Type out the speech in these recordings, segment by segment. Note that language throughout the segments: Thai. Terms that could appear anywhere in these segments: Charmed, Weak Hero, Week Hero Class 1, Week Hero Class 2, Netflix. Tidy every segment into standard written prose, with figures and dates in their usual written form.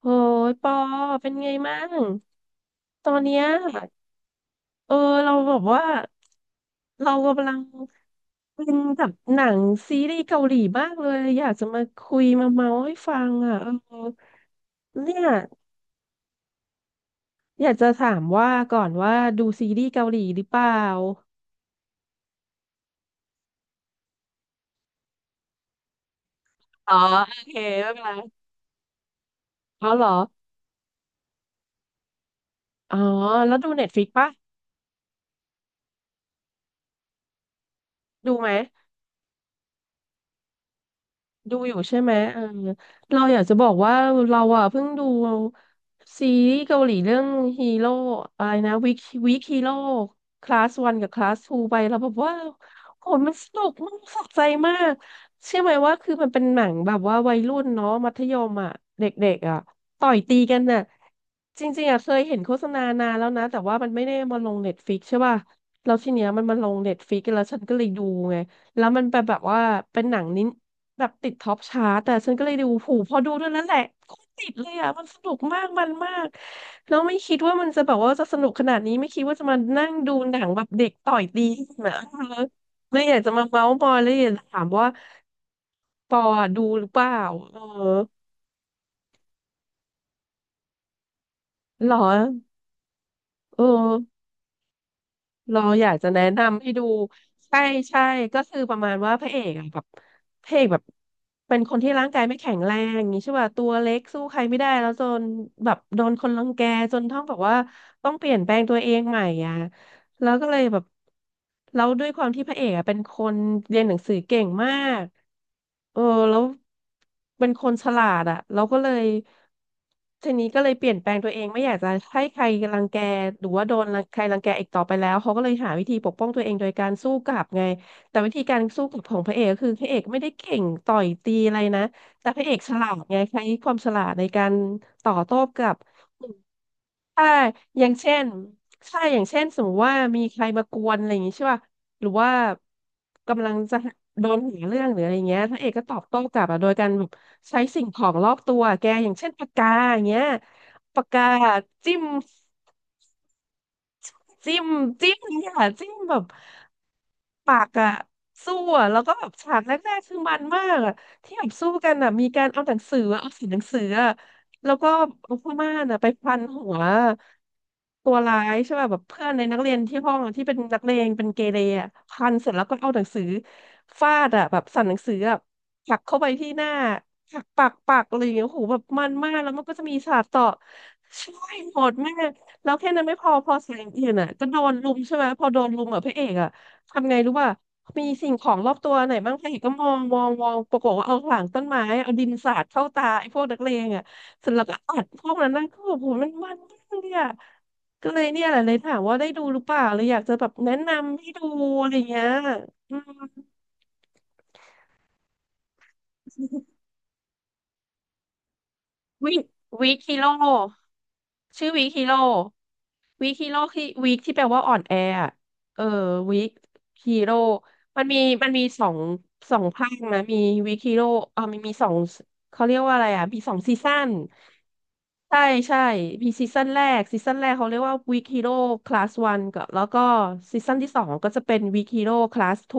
โอ้ยปอเป็นไงมั่งตอนเนี้ยเออเราแบบว่าเรากำลังเป็นกับหนังซีรีส์เกาหลีมากเลยอยากจะมาคุยมาเมาให้ฟังอ่ะเออเนี่ยอยากจะถามว่าก่อนว่าดูซีรีส์เกาหลีหรือเปล่าอ๋อโอเคไม่เป็นไรอ๋อเหรออ๋อแล้วดูเน็ตฟ i ิกปะดูไหม ดูอยู่ใช่ไหมเออเราอยากจะบอกว่าเราอ่ะเพิ่งดูซีรีส์เกาหลีเรื่องฮีโร่อะไรนะวิกวิกฮีโร่คลาสวันกับคลาสทูไปเราแบบว่าโหมันสนุกมากสะใจมากเชื่อไหมว่าคือมันเป็นหนังแบบว่าวัยรุ่นเนาะมัธยมอ่ะเด็กๆอ่ะต่อยตีกันน่ะจริงๆอ่ะเคยเห็นโฆษณานานแล้วนะแต่ว่ามันไม่ได้มาลงเน็ตฟิกใช่ป่ะแล้วทีเนี้ยมันมาลงเน็ตฟิกแล้วฉันก็เลยดูไงแล้วมันเป็นแบบว่าเป็นหนังนิ แบบติดท็อปชาร์ตแต่ฉันก็เลยดูผูพอดูเท่านั้นแหละโคตรติดเลยอ่ะมันสนุกมากมันมากแล้วไม่คิดว่ามันจะแบบว่าจะสนุกขนาดนี้ไม่คิดว่าจะมานั่งดูหนังแบบเด็กต่อยตีกันนะเออเลยอยากจะมาเมาส์มอยเลยอยากจะถามว่าปอดูหรือเปล่าเออหรอเออ เราอยากจะแนะนำให้ดูใช่ใช่ก็คือประมาณว่าพระเอกอะแบบพระเอกแบบเป็นคนที่ร่างกายไม่แข็งแรงอย่างนี้ใช่ป่ะตัวเล็กสู้ใครไม่ได้แล้วจนแบบโดนคนรังแกจนต้องแบบว่าต้องเปลี่ยนแปลงตัวเองใหม่อ่ะ แล้วก็เลยแบบแล้วด้วยความที่พระเอกอะเป็นคนเรียนหนังสือเก่งมากเออแล้วเป็นคนฉลาดอ่ะเราก็เลยทีนี้ก็เลยเปลี่ยนแปลงตัวเองไม่อยากจะให้ใครรังแกหรือว่าโดนรังใครรังแกอีกต่อไปแล้วเขาก็เลยหาวิธีปกป้องตัวเองโดยการสู้กลับไงแต่วิธีการสู้กลับของพระเอกก็คือพระเอกไม่ได้เก่งต่อยตีอะไรนะแต่พระเอกฉลาดไงใช้ความฉลาดในการต่อโต้กลับ ถ้าอย่างเช่นถ้าอย่างเช่น สมมติว่า มีใครมากวนอะไรอย่างงี้ใช่ป่ะหรือว่ากำลังจะโดนหาเรื่องหรืออะไรเงี้ยพระเอกก็ตอบโต้กลับอะโดยการแบบใช้สิ่งของรอบตัว แกอย่างเช่นปากกาอย่างเงี้ยปากกาจิ้ม จิ้มจิ้มเนี่ยค่ะจิ้มแบบปากอะสู้อะแล้วก็แบบฉากแรกๆคือมันมากอะที่แบบสู้กันอะมีการเอาหนังสืออะเอาสีหนังสืออะแล้วก็เอาผ้าม่านอะไปพันหัวตัวร้ายใช่ป่ะแบบเพื่อนในนักเรียนที่ห้องอะที่เป็นนักเลงเป็นเกเรอะพันเสร็จแล้วก็เอาหนังสือฟาดอะแบบสั่นหนังสืออะผลักเข้าไปที่หน้าผลักปากอะไรอย่างเงี้ยโอ้โหแบบมันมากแล้วมันก็จะมีฉากต่อช่วยโหดมาก แล้วแค่นั้นไม่พอพอแสงอื่นอ่ะก็โดนรุมใช่ไหมพอโดนรุมอ่ะพระเอกอ่ะทำไงรู้ป่ะมีสิ่งของรอบตัวไหนบ้างพระเอกก็มองปรากฏว่าเอาหลังต้นไม้เอาดินสาดเข้าตาไอ้พวกนักเลงอ่ะเสร็จแล้วก็อัดพวกนั้นนั่นก็แบบโหมันมากเนี่ยก็เลยเนี่ยแหละเลยถามว่าได้ดูหรือเปล่าเลยอยากจะแบบแนะนำให้ดูอะไรเงี้ยอืม วิวิคิโลชื่อวิคิโลวีคิโร่คือวคที่แปลว่าอ่อนแออะเออวีคิโร่มันมีมันมีสองสองภาคนะมีวีคิโร่เออมันมีสอง เขาเรียกว่าอะไรอ่ะมีสองซีซั่นใช่ใช่มีซีซั่นแรกเขาเรียกว่า Week Hero Class 1กับแล้วก็ซีซั่นที่สองก็จะเป็น Week Hero Class 2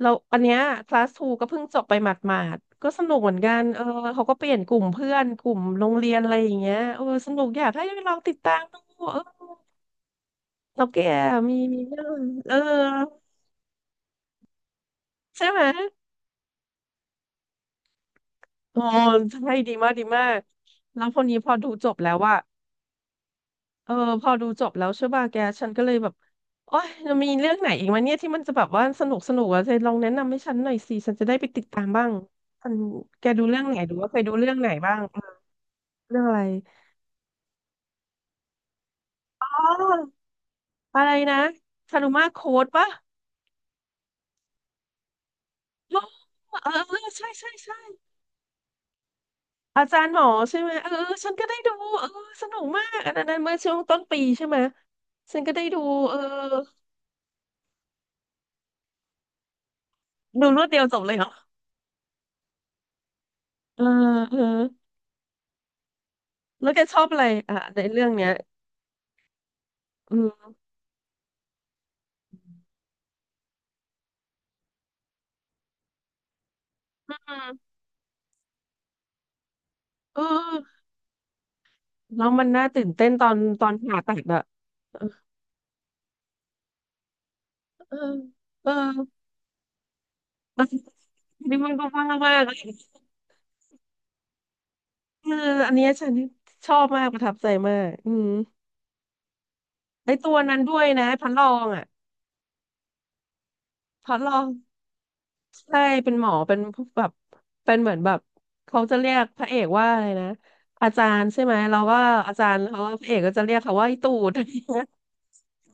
แล้วอันเนี้ยคลาสทูก็เพิ่งจบไปหมาดๆก็สนุกเหมือนกันเออเขาก็เปลี่ยนกลุ่มเพื่อนกลุ่มโรงเรียนอะไรอย่างเงี้ยเออสนุกอยากให้ลองติดตามดูเออแล้วแกมีเรื่องเออใช่ไหมอ๋อใช่ดีมากแล้วคนนี้พอดูจบแล้วว่า เออพอดูจบแล้วใช่ป่ะแกฉันก็เลยแบบโอ๊ยจะมีเรื่องไหนอีกวะเนี่ยที่มันจะแบบว่าสนุกสนุกอะเธอลองแนะนำให้ฉันหน่อยสิฉันจะได้ไปติดตามบ้างฉันแกดูเรื่องไหนหรือว่าเคยดูเรื่องไหนบ้างเออเรื่องอะไรอ๋ออะไรนะชารุมาโค้ดปะเออเออ เออใช่ใช่ใช่อาจารย์หมอใช่ไหมเออเออฉันก็ได้ดูเออสนุกมากอันนั้นเมื่อช่วงต้นปีใช่ไหมฉันก็ได้ดูเออดูรวดเดียวจบเลยเหรอเออเออแล้วแกชอบอะไรอ่ะในเรื่องเนี้ยอืม อืมเออแล้วมันน่าตื่นเต้นตอนผ่าตัดอะเออเออเออนี่มันก็ว่ามากเลยเอออันเนี้ยฉันชอบมากประทับใจมากอืมไอตัวนั้นด้วยนะพันรองอะพันรองใช่เป็นหมอเป็นแบบเป็นเหมือนแบบเขาจะเรียกพระเอกว่าอะไรนะอาจารย์ใช่ไหมเราก็อาจารย์เขาพระเอกก็จะเรียกเขาว่าไอตูด อะไรเงี้ย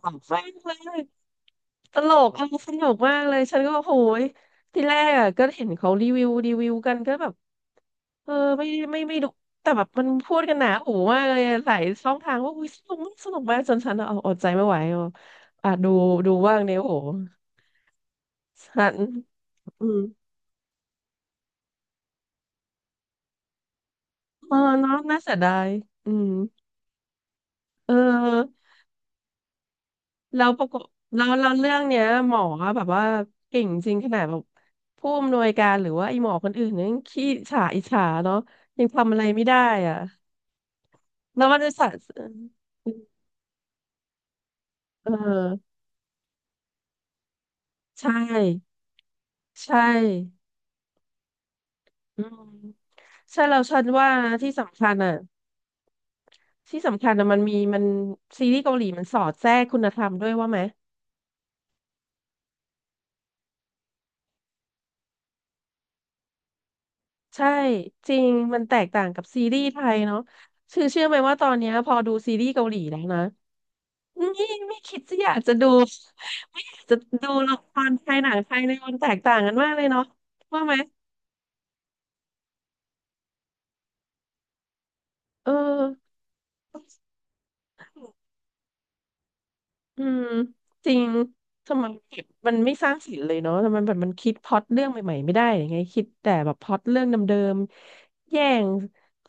ขำมากเลย ตลกมันสนุกมากเลย ฉันก็โอ้โหยที่แรกอ่ะก็เห็นเขารีวิวกันก็แบบเออไม่ไม่ดูแต่แบบมันพูดกันหนาหูมากเลยอะหลายช่องทางว่าอุ้ยสนุกมากสนุกมากจนฉันเอาอดใจไม่ไหวอะอ่ะดูดูบ้างเนี่ยโอ้โหฉันอืมเออเนาะน่าเสียดายอืมเออ แล้วประกบแล้วเรื่องเนี้ยหมอแบบว่าเก่งจริงขนาดแบบผู้อำนวยการหรือว่าไอ้หมอคนอื่นเนี่ยยังขี้ฉาอิจฉาเนาะยังทำอะไรไม่ได้อ่ะแล้วมันจะสะเออใช่ใช่อืมใช่เราฉันว่านะที่สำคัญอ่ะที่สำคัญอ่ะมันมีมันซีรีส์เกาหลีมันสอดแทรกคุณธรรมด้วยว่าไหมใช่จริงมันแตกต่างกับซีรีส์ไทยเนาะคือเชื่อไหมว่าตอนเนี้ยพอดูซีรีส์เกาหลีแล้วนะ นี่ไม่คิดจะอยากจะดูจะดูละครไทยหนังไทยเลยมันแตกต่างกันมากเลยเนาะว่าไหมเอออืมจริงทำไมแบบมันไม่สร้างสรรค์เลยเนาะทำไมแบบมันคิดพล็อตเรื่องใหม่ๆไม่ได้ยังไงคิดแต่แบบพล็อตเรื่องเดิมๆแย่ง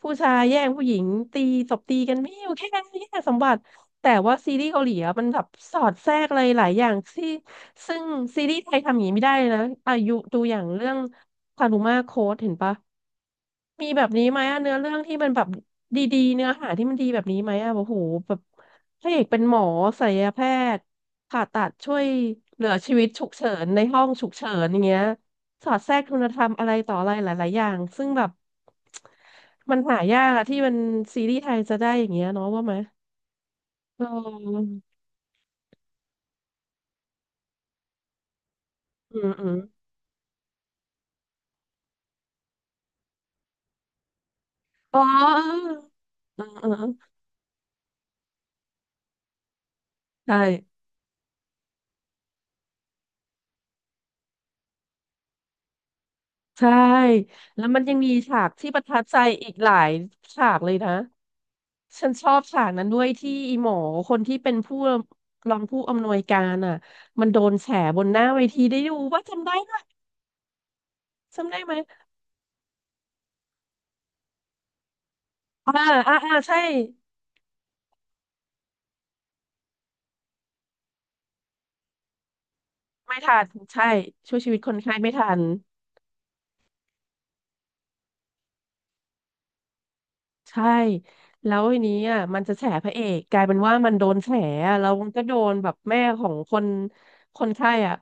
ผู้ชายแย่งผู้หญิงตีตบตีกันไม่อยู่แค่นั้นแค่สมบัติแต่ว่าซีรีส์เกาหลีอะมันแบบสอดแทรกอะไรหลายอย่างที่ซึ่งซีรีส์ไทยทำอย่างนี้ไม่ได้เลยนะอายุดูอย่างเรื่องคารุมาโค้ดเห็นปะมีแบบนี้ไหมอะเนื้อเรื่องที่มันแบบดีๆเนื้อหาที่มันดีแบบนี้ไหมอะโอ้โหแบบพระเอกเป็นหมอศัลยแพทย์ผ่าตัดช่วยเหลือชีวิตฉุกเฉินในห้องฉุกเฉินอย่างเงี้ย สอดแทรกคุณธรรมอะไรต่ออะไรหลายๆอย่างซึ่งแบบมันหายากอะที่มันซีรีส์ไทยจะได้อย่างเงี้ยเนาะว่าไหมเอออืมอ๋อเออเออเออใช่ใช่แล้วมันยังมีฉากที่ประทับใจอีกหลายฉากเลยนะฉันชอบฉากนั้นด้วยที่อีหมอคนที่เป็นผู้รองผู้อำนวยการอ่ะมันโดนแฉบนหน้าเวทีได้ดูว่าจำได้ไหมจำได้ไหมอ่าอ่าใช่ ไม่ทันใช่ช่วยชีวิตคนไข้ไม่ทันใช่แล้วทีนี้อ่ะมันจะแฉพระเอกกลายเป็นว่ามันโดนแฉอะแล้วมันก็โดนแบบแม่ของคนไข้อ่ะ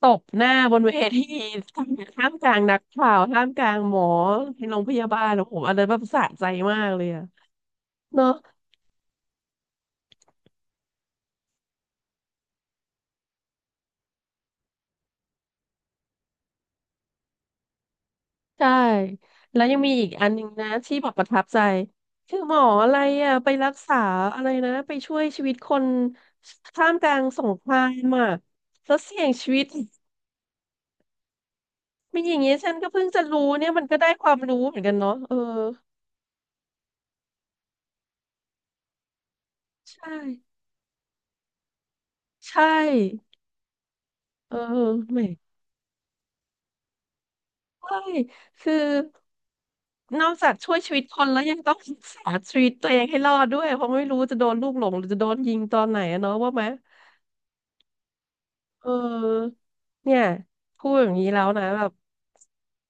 ตบหน้าบนเวที ท่ามกลางนักข่าวท่ามกลางหมอในโรงพยาบาลโอ้โหอันนั้รแบบสะใจมากเลยอ่ะเนอะ ใช่แล้วยังมีอีกอันหนึ่งนะที่บอกประทับใจคือหมออะไรอ่ะไปรักษาอะไรนะไปช่วยชีวิตคนท่ามกลางสงครามอ่ะแล้วเสี่ยงชีวิตไม่อย่างเงี้ยฉันก็เพิ่งจะรู้เนี่ยมันก็ได้ความรู้เหมือนกันเนาะเออใช่ใช่เออแหมใช่คือนอกจากช่วยชีวิตคนแล้วยังต้องรักษาชีวิตตัวเองให้รอดด้วยเพราะไม่รู้จะโดนลูกหลงหรือจะโดนยิงตอนไหนอะเนาะว่าไหม เออเนี่ยพูดอย่างนี้แล้วนะแบบ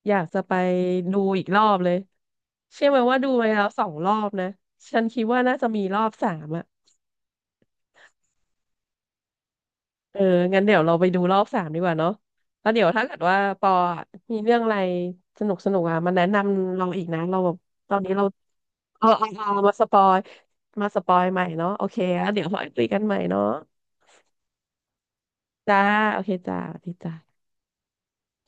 อยากจะไปดูอีกรอบเลยเชื่อไหมว่าดูไปแล้วสองรอบนะฉันคิดว่าน่าจะมีรอบสามอ่ะเอองั้นเดี๋ยวเราไปดูรอบสามดีกว่าเนาะแล้วเดี๋ยวถ้าเกิดว่าปออะมีเรื่องอะไรสนุกสนุกอ่ะมาแนะนำเราอีกนะเราแบบตอนนี้เราเออเอามาสปอยใหม่เนาะโอเคแล้วเดี๋ยว ค่อยคุยกันใหม่เนาะจ้าโอเคจ้าสวัสดีจ้า